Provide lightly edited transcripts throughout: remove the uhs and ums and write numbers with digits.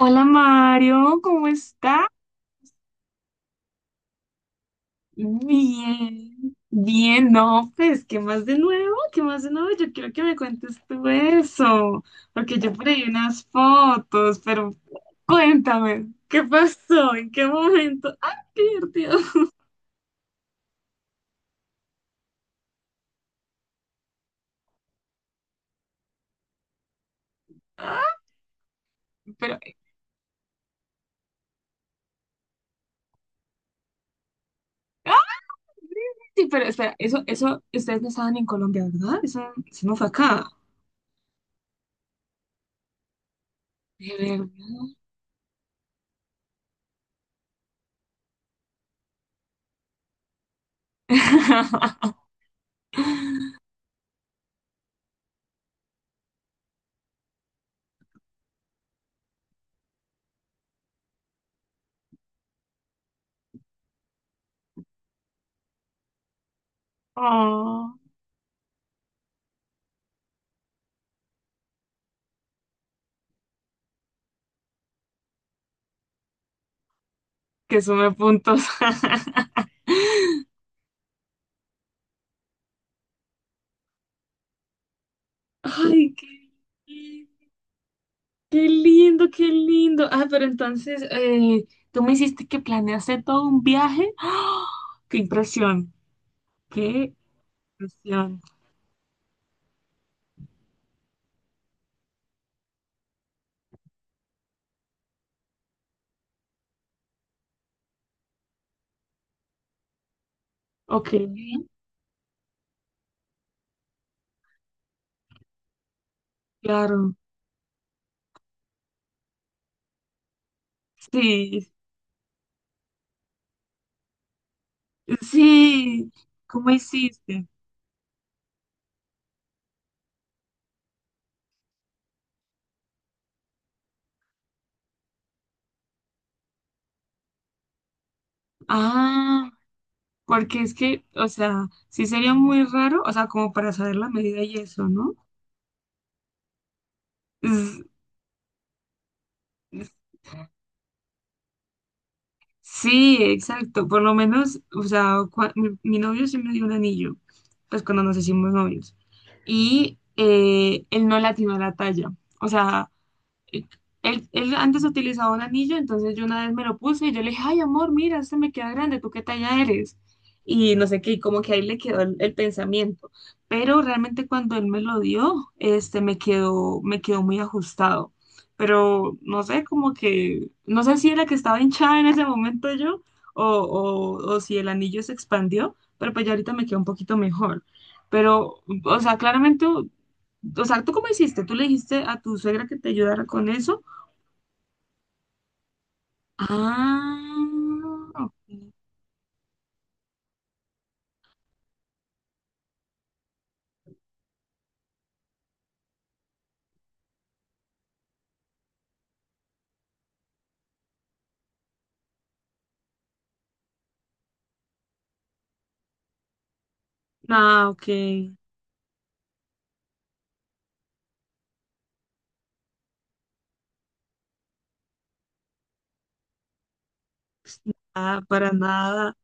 Hola Mario, ¿cómo está? Bien, bien, no, pues, ¿qué más de nuevo? ¿Qué más de nuevo? Yo quiero que me cuentes tú eso, porque yo por ahí vi unas fotos, pero cuéntame, ¿qué pasó? ¿En qué momento? ¡Ay, qué divertido! ¡Ah! Pero, ¡ah! Sí, pero espera, eso, ustedes no estaban en Colombia, ¿verdad? Eso no fue acá. De verdad. Oh, que sume puntos. Ay, qué, qué lindo, qué lindo. Ah, pero entonces, tú me hiciste que planeaste todo un viaje. ¡Ah! ¡Qué impresión! ¡Qué impresión! Ok, claro. Sí, sí. ¿Cómo hiciste? Ah, porque es que, o sea, sí sería muy raro, o sea, como para saber la medida y eso, ¿no? Es- Sí, exacto. Por lo menos, o sea, mi novio sí me dio un anillo, pues cuando nos hicimos novios. Y él no le atinó a la talla. O sea, eh, él antes utilizaba un anillo, entonces yo una vez me lo puse y yo le dije, ay, amor, mira, este me queda grande, ¿tú qué talla eres? Y no sé qué, y como que ahí le quedó el pensamiento. Pero realmente cuando él me lo dio, este, me quedó muy ajustado. Pero no sé, como que, no sé si era que estaba hinchada en ese momento yo, o si el anillo se expandió, pero pues ya ahorita me queda un poquito mejor. Pero, o sea, claramente, o sea, ¿tú cómo hiciste? ¿Tú le dijiste a tu suegra que te ayudara con eso? Ah, ok. Ah, ok. Pues nada, para nada.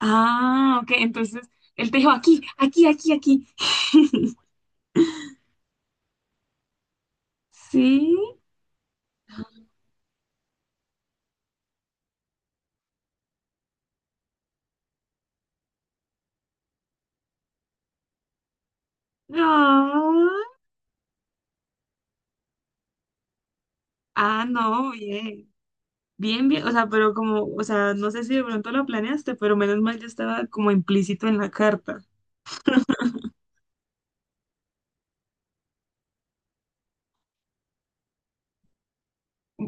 Ah, ok. Entonces, él te dijo aquí, aquí, aquí, aquí. Sí. No. Ah, no, bien. Bien, bien. O sea, pero como, o sea, no sé si de pronto lo planeaste, pero menos mal ya estaba como implícito en la carta.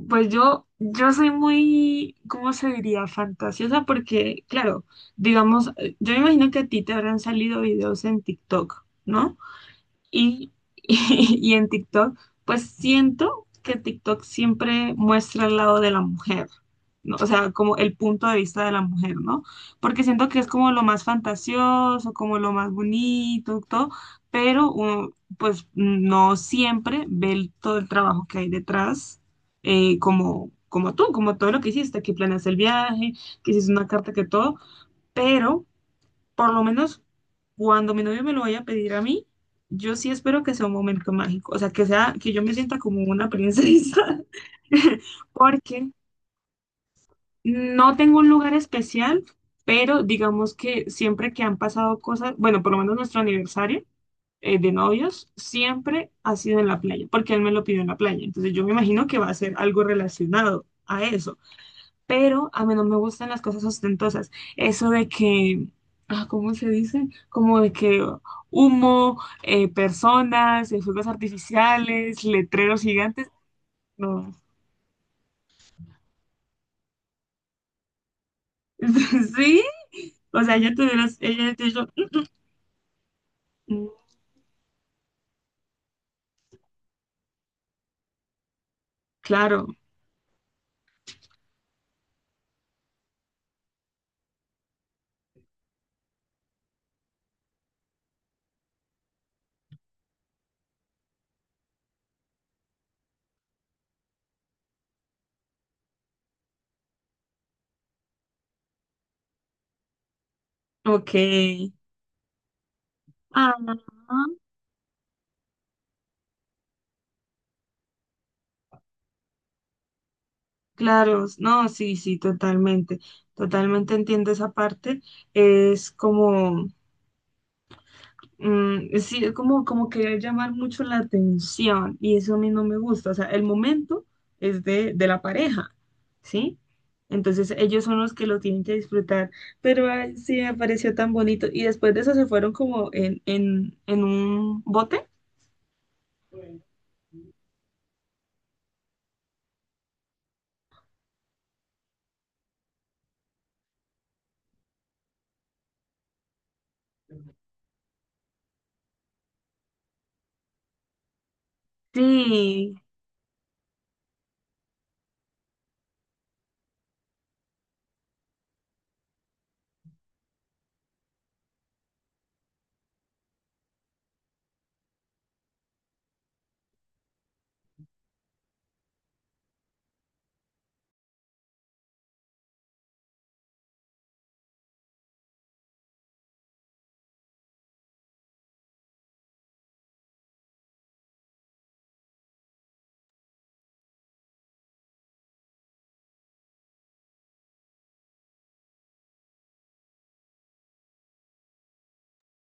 Pues yo soy muy, ¿cómo se diría? Fantasiosa porque, claro, digamos, yo me imagino que a ti te habrán salido videos en TikTok, ¿no? Y y en TikTok, pues siento que TikTok siempre muestra el lado de la mujer, ¿no? O sea, como el punto de vista de la mujer, ¿no? Porque siento que es como lo más fantasioso, como lo más bonito, todo, pero uno, pues no siempre ve todo el trabajo que hay detrás, como, como tú, como todo lo que hiciste, que planeaste el viaje, que hiciste una carta, que todo, pero... Por lo menos cuando mi novio me lo vaya a pedir a mí, yo sí espero que sea un momento mágico, o sea, que yo me sienta como una princesa, porque no tengo un lugar especial, pero digamos que siempre que han pasado cosas, bueno, por lo menos nuestro aniversario de novios, siempre ha sido en la playa, porque él me lo pidió en la playa, entonces yo me imagino que va a ser algo relacionado a eso. Pero a mí no me gustan las cosas ostentosas. Eso de que, ah, ¿cómo se dice? Como de que humo, personas, fuegos artificiales, letreros gigantes, no. Sí, o sea, ella te dijo, "Mm, claro, ok, ah, claro, no, sí, sí, totalmente, totalmente entiendo esa parte, es como... Mm, sí, es como, como querer llamar mucho la atención y eso a mí no me gusta. O sea, el momento es de la pareja, ¿sí? Entonces ellos son los que lo tienen que disfrutar. Pero ay, sí, me pareció tan bonito. Y después de eso se fueron como en un bote. Sí,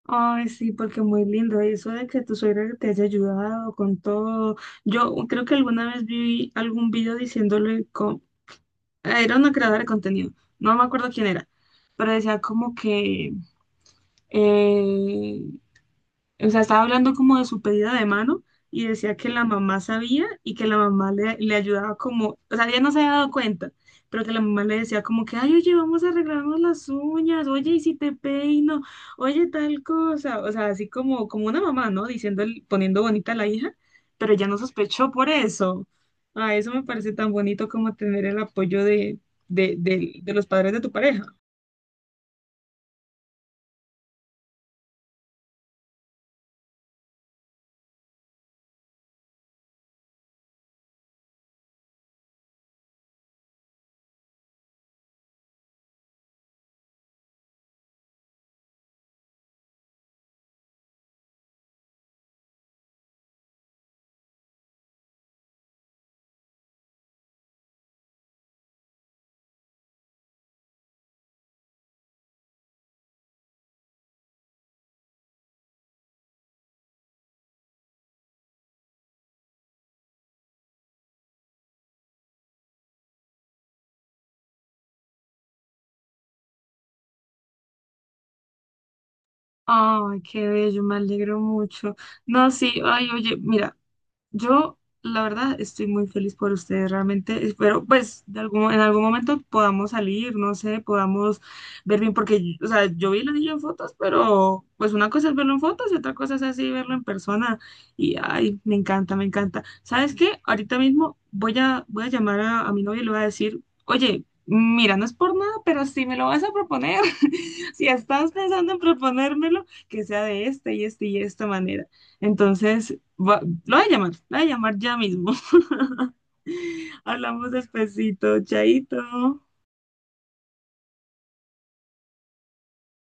ay, sí, porque muy lindo. Eso de que tu suegra te haya ayudado con todo. Yo creo que alguna vez vi algún video diciéndole era una creadora de contenido, no me acuerdo quién era, pero decía como que eh, o sea, estaba hablando como de su pedida de mano y decía que la mamá sabía y que la mamá le ayudaba como, o sea, ella no se había dado cuenta, pero que la mamá le decía como que, ay, oye, vamos a arreglarnos las uñas, oye, y si te peino, oye, tal cosa, o sea, así como, como una mamá, ¿no? Diciendo, poniendo bonita a la hija, pero ella no sospechó por eso. Ah, eso me parece tan bonito como tener el apoyo de, de los padres de tu pareja. Ay, qué bello, me alegro mucho. No, sí, ay, oye, mira. Yo, la verdad, estoy muy feliz por ustedes. Realmente espero, pues, de algún, en algún momento podamos salir, no sé, podamos ver bien, porque, o sea, yo vi el anillo en fotos, pero, pues, una cosa es verlo en fotos y otra cosa es así verlo en persona. Y, ay, me encanta, me encanta. ¿Sabes qué? Ahorita mismo voy a llamar a mi novio y le voy a decir, oye, mira, no es por nada, pero si me lo vas a proponer, si estás pensando en proponérmelo, que sea de esta y esta y esta manera. Entonces, lo voy a llamar, lo voy a llamar ya mismo. Hablamos despacito, chaito.